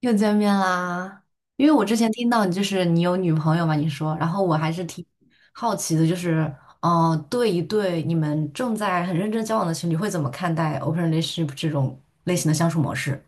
又见面啦！因为我之前听到你就是你有女朋友嘛，你说，然后我还是挺好奇的，就是，对你们正在很认真交往的情侣会怎么看待 open relationship 这种类型的相处模式？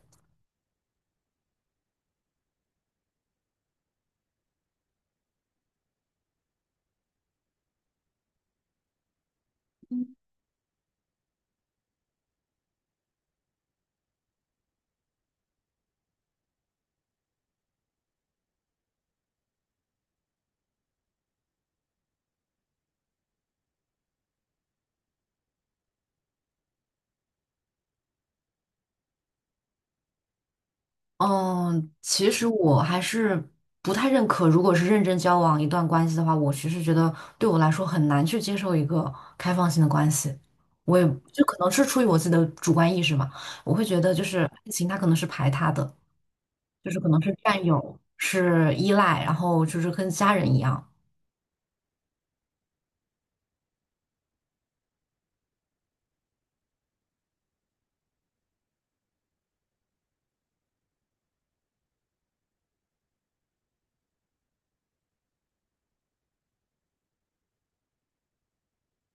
嗯，其实我还是不太认可，如果是认真交往一段关系的话，我其实觉得对我来说很难去接受一个开放性的关系。我也就可能是出于我自己的主观意识嘛，我会觉得就是爱情它可能是排他的。就是可能是占有，是依赖，然后就是跟家人一样。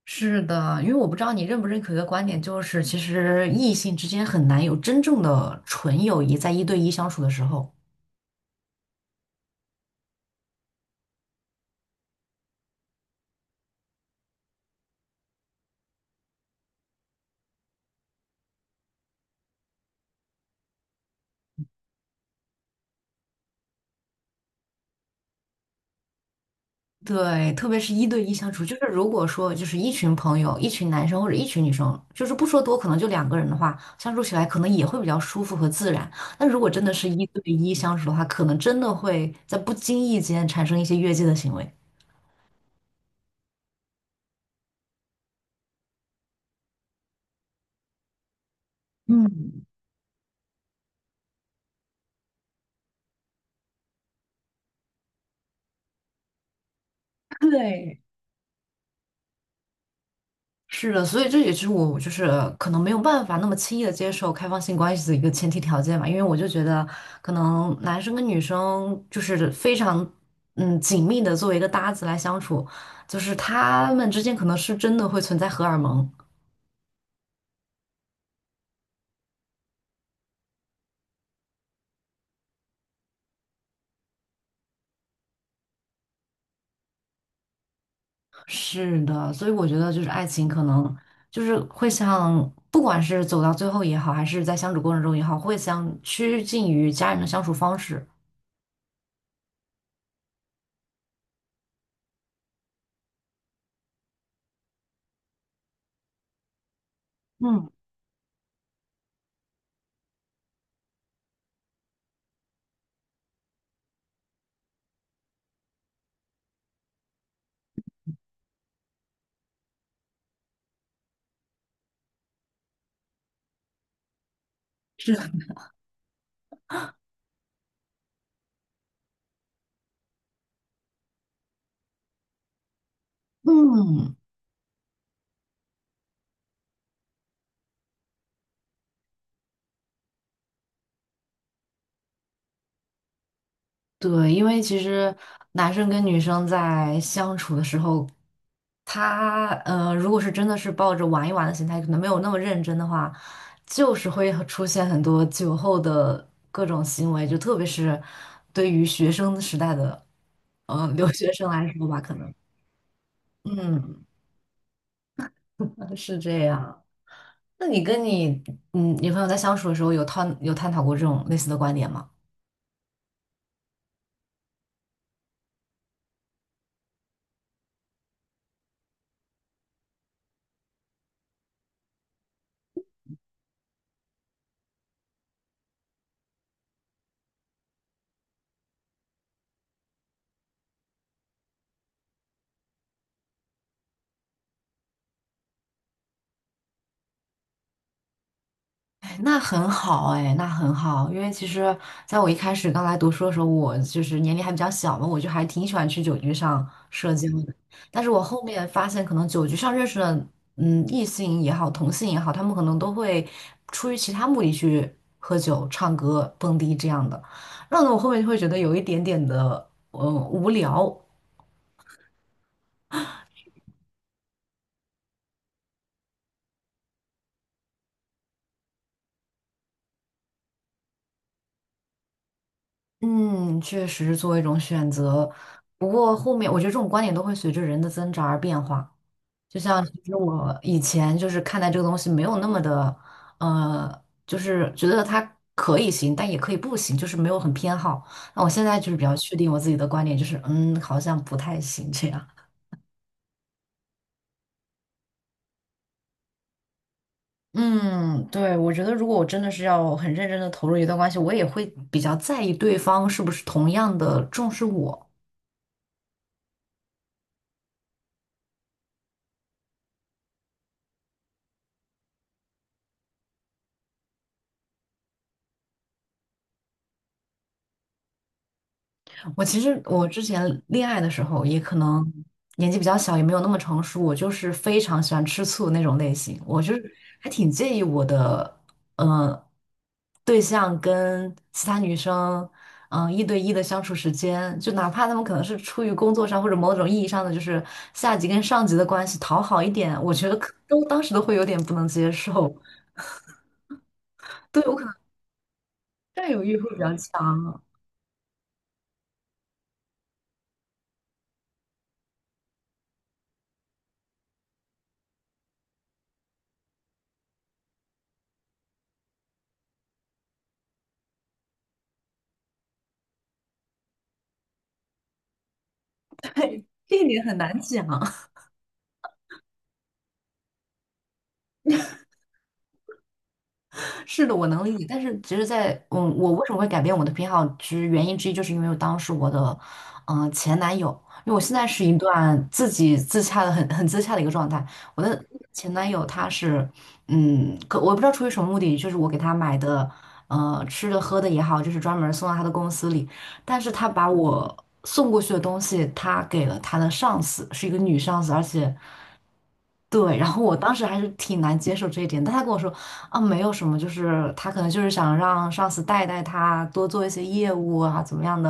是的，因为我不知道你认不认可一个观点，就是其实异性之间很难有真正的纯友谊，在一对一相处的时候。对，特别是一对一相处，就是如果说就是一群朋友，一群男生或者一群女生，就是不说多，可能就两个人的话，相处起来可能也会比较舒服和自然。但如果真的是一对一相处的话，可能真的会在不经意间产生一些越界的行为。嗯，对。是的，所以这也是我就是可能没有办法那么轻易的接受开放性关系的一个前提条件吧，因为我就觉得可能男生跟女生就是非常紧密的作为一个搭子来相处，就是他们之间可能是真的会存在荷尔蒙。是的，所以我觉得就是爱情可能就是会像不管是走到最后也好，还是在相处过程中也好，会像趋近于家人的相处方式。嗯，是的，对，因为其实男生跟女生在相处的时候，如果是真的是抱着玩一玩的心态，可能没有那么认真的话，就是会很出现很多酒后的各种行为，就特别是对于学生时代的留学生来说吧，可能嗯是这样。那你跟你女朋友在相处的时候，有探讨过这种类似的观点吗？哎那很好哎，那很好，因为其实在我一开始刚来读书的时候，我就是年龄还比较小嘛，我就还挺喜欢去酒局上社交的。但是我后面发现，可能酒局上认识的，异性也好，同性也好，他们可能都会出于其他目的去喝酒、唱歌、蹦迪这样的。那我后面就会觉得有一点点的，无聊。嗯，确实是作为一种选择，不过后面我觉得这种观点都会随着人的增长而变化。就像其实我以前就是看待这个东西没有那么的，就是觉得它可以行，但也可以不行，就是没有很偏好。那我现在就是比较确定我自己的观点，就是嗯，好像不太行这样。嗯，对，我觉得如果我真的是要很认真的投入一段关系，我也会比较在意对方是不是同样的重视我。我其实我之前恋爱的时候，也可能年纪比较小，也没有那么成熟。我就是非常喜欢吃醋的那种类型，我就是还挺介意我的呃对象跟其他女生一对一的相处时间，就哪怕他们可能是出于工作上或者某种意义上的就是下级跟上级的关系讨好一点，我觉得可都当时都会有点不能接受。对，我可能占有欲会比较强。这一点很难讲。是的，我能理解。但是其实在，我为什么会改变我的偏好，其实原因之一就是因为我当时我的，前男友，因为我现在是一段自己自洽的很自洽的一个状态。我的前男友他是，可我不知道出于什么目的，就是我给他买的，吃的喝的也好，就是专门送到他的公司里，但是他把我送过去的东西，他给了他的上司，是一个女上司，而且。对，然后我当时还是挺难接受这一点，但他跟我说啊，没有什么，就是他可能就是想让上司带带他，多做一些业务啊，怎么样的。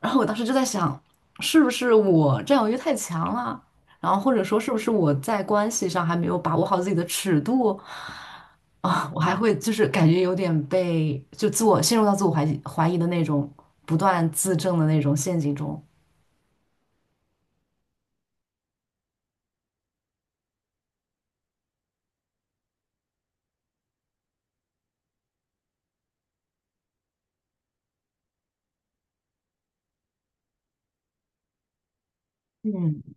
然后我当时就在想，是不是我占有欲太强了？然后或者说是不是我在关系上还没有把握好自己的尺度啊？我还会就是感觉有点被就自我陷入到自我怀疑的那种不断自证的那种陷阱中。嗯。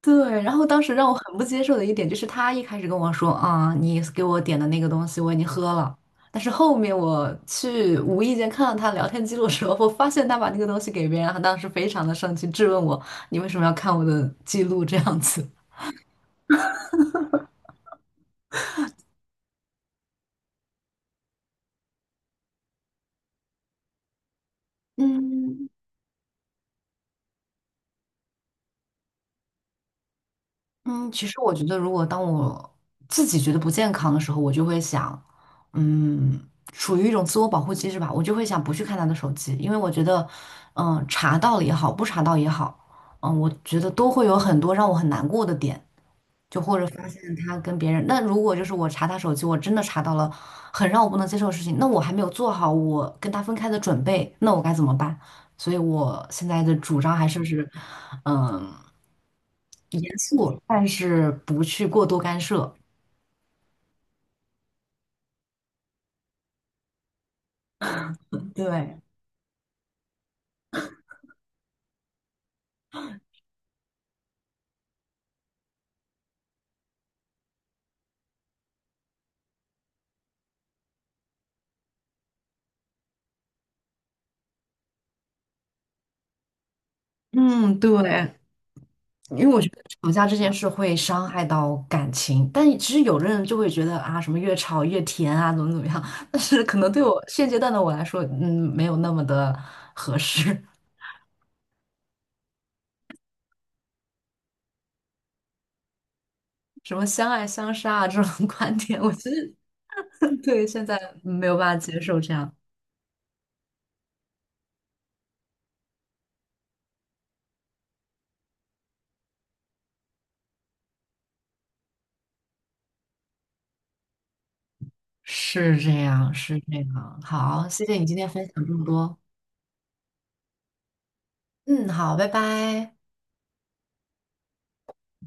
对，然后当时让我很不接受的一点就是，他一开始跟我说啊，你给我点的那个东西我已经喝了，但是后面我去无意间看到他聊天记录的时候，我发现他把那个东西给别人，他当时非常的生气，质问我你为什么要看我的记录这样子。嗯，嗯，其实我觉得，如果当我自己觉得不健康的时候，我就会想，嗯，处于一种自我保护机制吧，我就会想不去看他的手机，因为我觉得，查到了也好，不查到也好，我觉得都会有很多让我很难过的点，就或者发现他跟别人。那如果就是我查他手机，我真的查到了很让我不能接受的事情，那我还没有做好我跟他分开的准备，那我该怎么办？所以我现在的主张是，嗯。严肃，但是不去过多干涉。对，嗯，对，因为我觉得吵架这件事会伤害到感情，但其实有的人就会觉得啊，什么越吵越甜啊，怎么怎么样，但是可能对我现阶段的我来说，没有那么的合适。什么相爱相杀啊这种 观点，我其实 对现在没有办法接受这样。是这样，是这样。好，谢谢你今天分享这么多。嗯，好，拜拜。